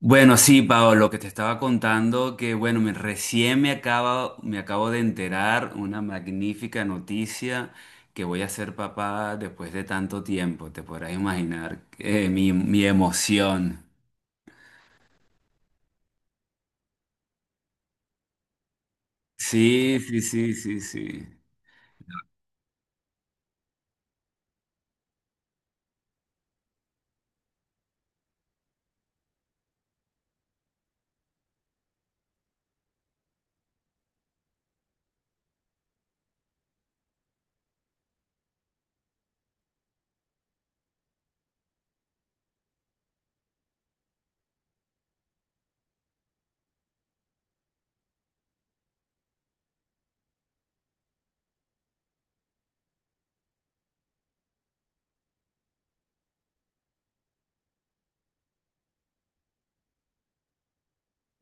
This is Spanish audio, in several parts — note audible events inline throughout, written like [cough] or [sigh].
Bueno, sí, Pablo, lo que te estaba contando, que bueno, recién me acabo de enterar una magnífica noticia que voy a ser papá después de tanto tiempo. Te podrás imaginar mi emoción. Sí, sí, sí, sí, sí.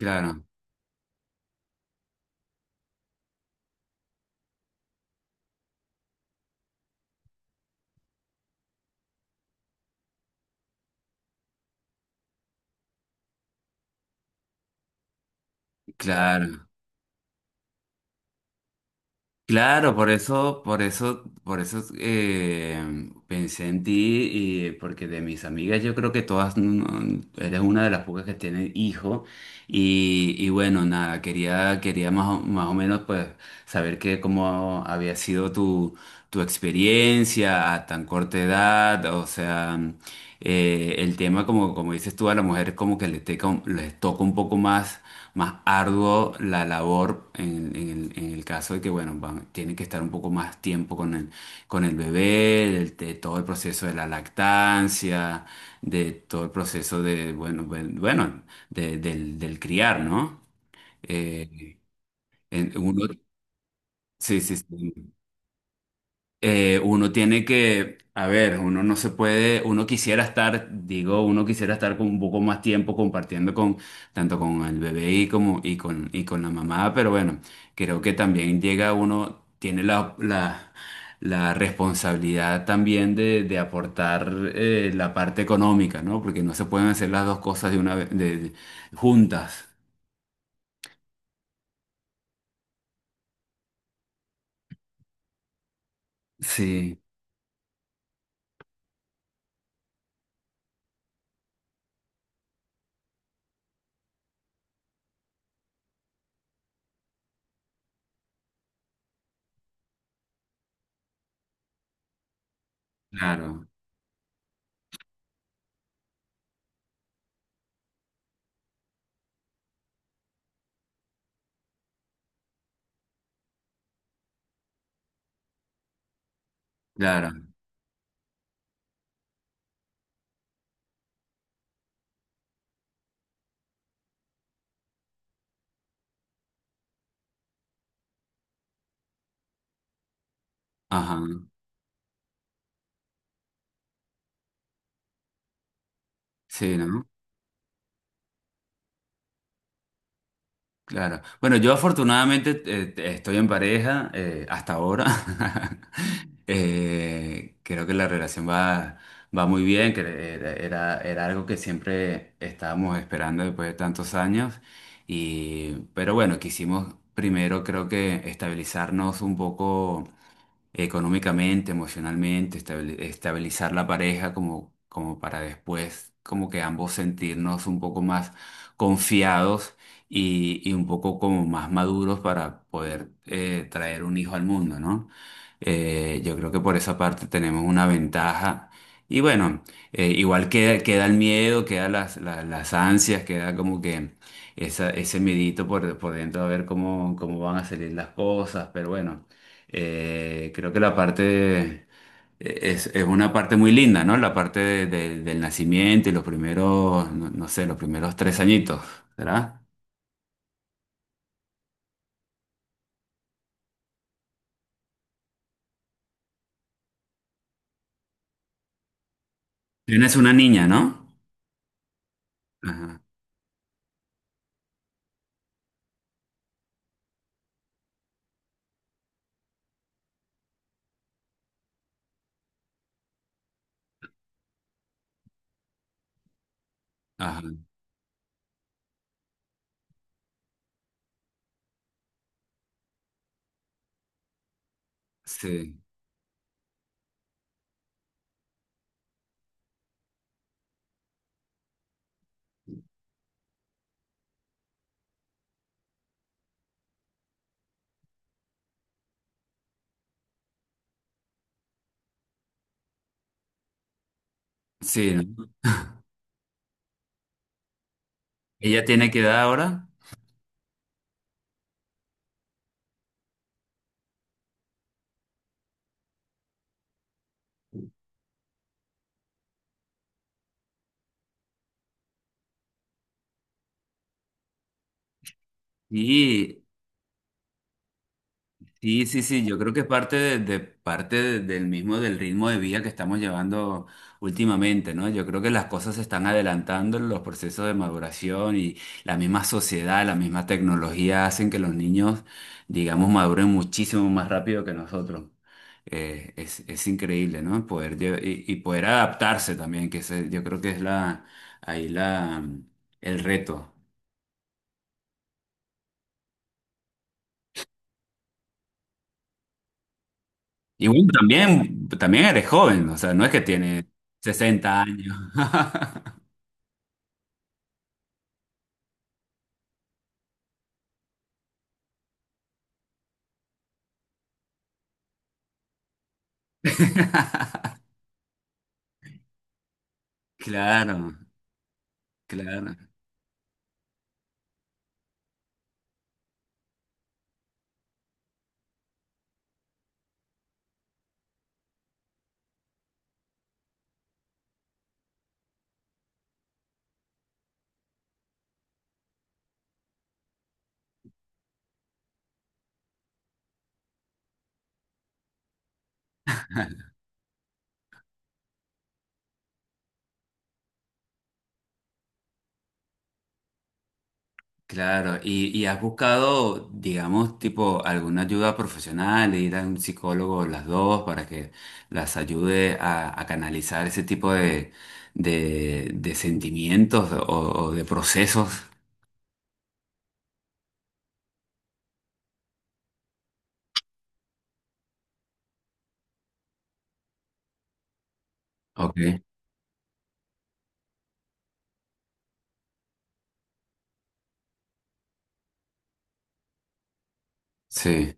Claro, claro. Claro, por eso, por eso, por eso, pensé en ti, y porque de mis amigas yo creo que todas no- eres una de las pocas que tienen hijo. Y bueno, nada, quería más o menos pues saber que cómo había sido tu experiencia a tan corta edad, o sea, el tema como, como dices tú, a las mujeres como que les toca un poco más arduo la labor en el caso de que, bueno, tienen que estar un poco más tiempo con el bebé, todo el proceso de la lactancia, de todo el proceso de, bueno, bueno, del criar, ¿no? Eh, en- uno, sí, sí, sí. Uno tiene que, a ver, uno no se puede, uno quisiera estar, digo, uno quisiera estar con un poco más tiempo compartiendo con, tanto con el bebé y como, y con la mamá, pero bueno, creo que también llega uno, tiene la responsabilidad también de aportar la parte económica, ¿no? Porque no se pueden hacer las dos cosas de una vez, juntas. Sí, claro, claro, ajá, sí, ¿no? Claro. Bueno, yo afortunadamente estoy en pareja hasta ahora. [laughs] Creo que la relación va muy bien, que era algo que siempre estábamos esperando después de tantos años. Y pero bueno, quisimos primero, creo que, estabilizarnos un poco económicamente, emocionalmente, estabilizar la pareja, como, como para después, como que ambos sentirnos un poco más confiados y un poco como más maduros para poder traer un hijo al mundo, ¿no? Yo creo que por esa parte tenemos una ventaja. Y bueno, igual queda el miedo, queda las ansias, queda como que ese miedito por dentro, a ver cómo, cómo van a salir las cosas, pero bueno. Creo que la parte es una parte muy linda, ¿no? La parte del nacimiento y los primeros, no, no sé, los primeros tres añitos, ¿verdad? Tienes una niña, ¿no? Ajá, ajá, sí, sí, ¿no? Ella tiene que edad ahora. y Sí, sí, sí, yo creo que es parte, parte del mismo, del ritmo de vida que estamos llevando últimamente, ¿no? Yo creo que las cosas se están adelantando, los procesos de maduración, y la misma sociedad, la misma tecnología hacen que los niños, digamos, maduren muchísimo más rápido que nosotros. Es increíble, ¿no? Y poder adaptarse también, que yo creo que es ahí el reto. Y bueno, también, también eres joven, o sea, no es que tiene 60 años. [laughs] Claro, claro, claro. Y has buscado, digamos, tipo alguna ayuda profesional, ir a un psicólogo las dos para que las ayude a canalizar ese tipo de sentimientos, o de procesos? Ok, sí.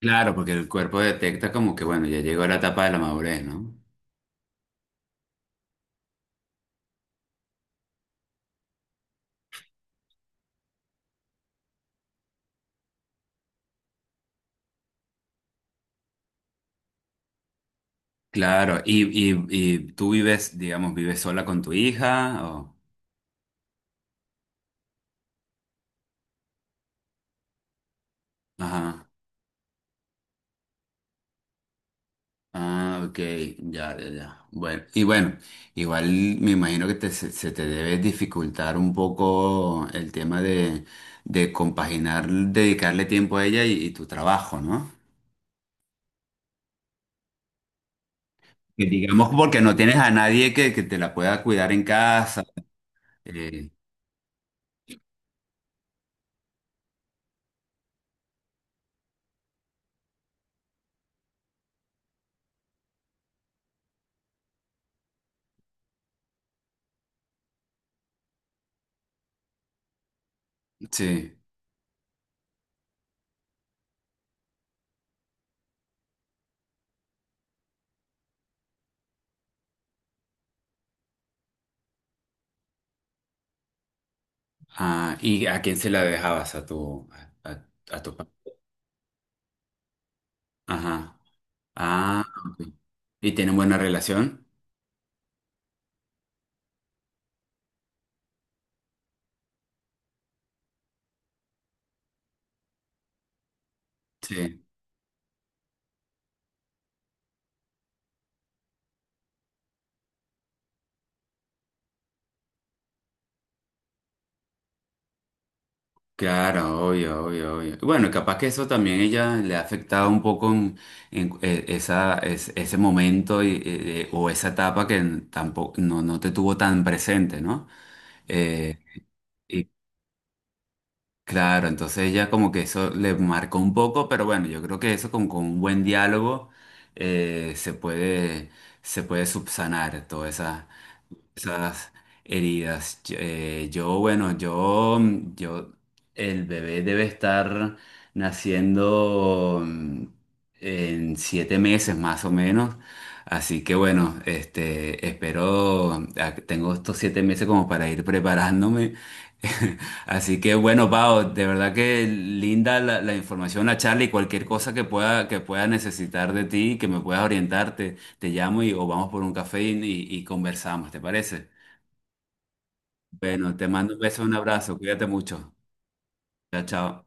Claro, porque el cuerpo detecta como que, bueno, ya llegó la etapa de la madurez, ¿no? Claro. ¿Y, y tú vives, digamos, vives sola con tu hija o...? Ajá, ah, ok, ya, ya, ya. Bueno, y bueno, igual me imagino que te, se te debe dificultar un poco el tema de compaginar, dedicarle tiempo a ella y tu trabajo, ¿no? Que digamos porque no tienes a nadie que te la pueda cuidar en casa. eh, sí. Ah, ¿y a quién se la dejabas? A, a tu papá. Ajá. Ah, ok. ¿Y tienen buena relación? Sí, claro, obvio, obvio, obvio. Bueno, capaz que eso también ella le ha afectado un poco en, ese momento y, o esa etapa que tampoco no, no te tuvo tan presente, ¿no? Eh, y claro, entonces ella como que eso le marcó un poco, pero bueno, yo creo que eso con un buen diálogo se se puede subsanar toda esas heridas. Yo, yo, bueno, yo, El bebé debe estar naciendo en 7 meses más o menos. Así que bueno, este, tengo estos 7 meses como para ir preparándome. [laughs] Así que bueno, Pau, de verdad que linda la información, la charla, y cualquier cosa que pueda necesitar de ti, que me puedas orientarte, te llamo, y o vamos por un café y conversamos, ¿te parece? Bueno, te mando un beso, un abrazo, cuídate mucho. Chao, chao.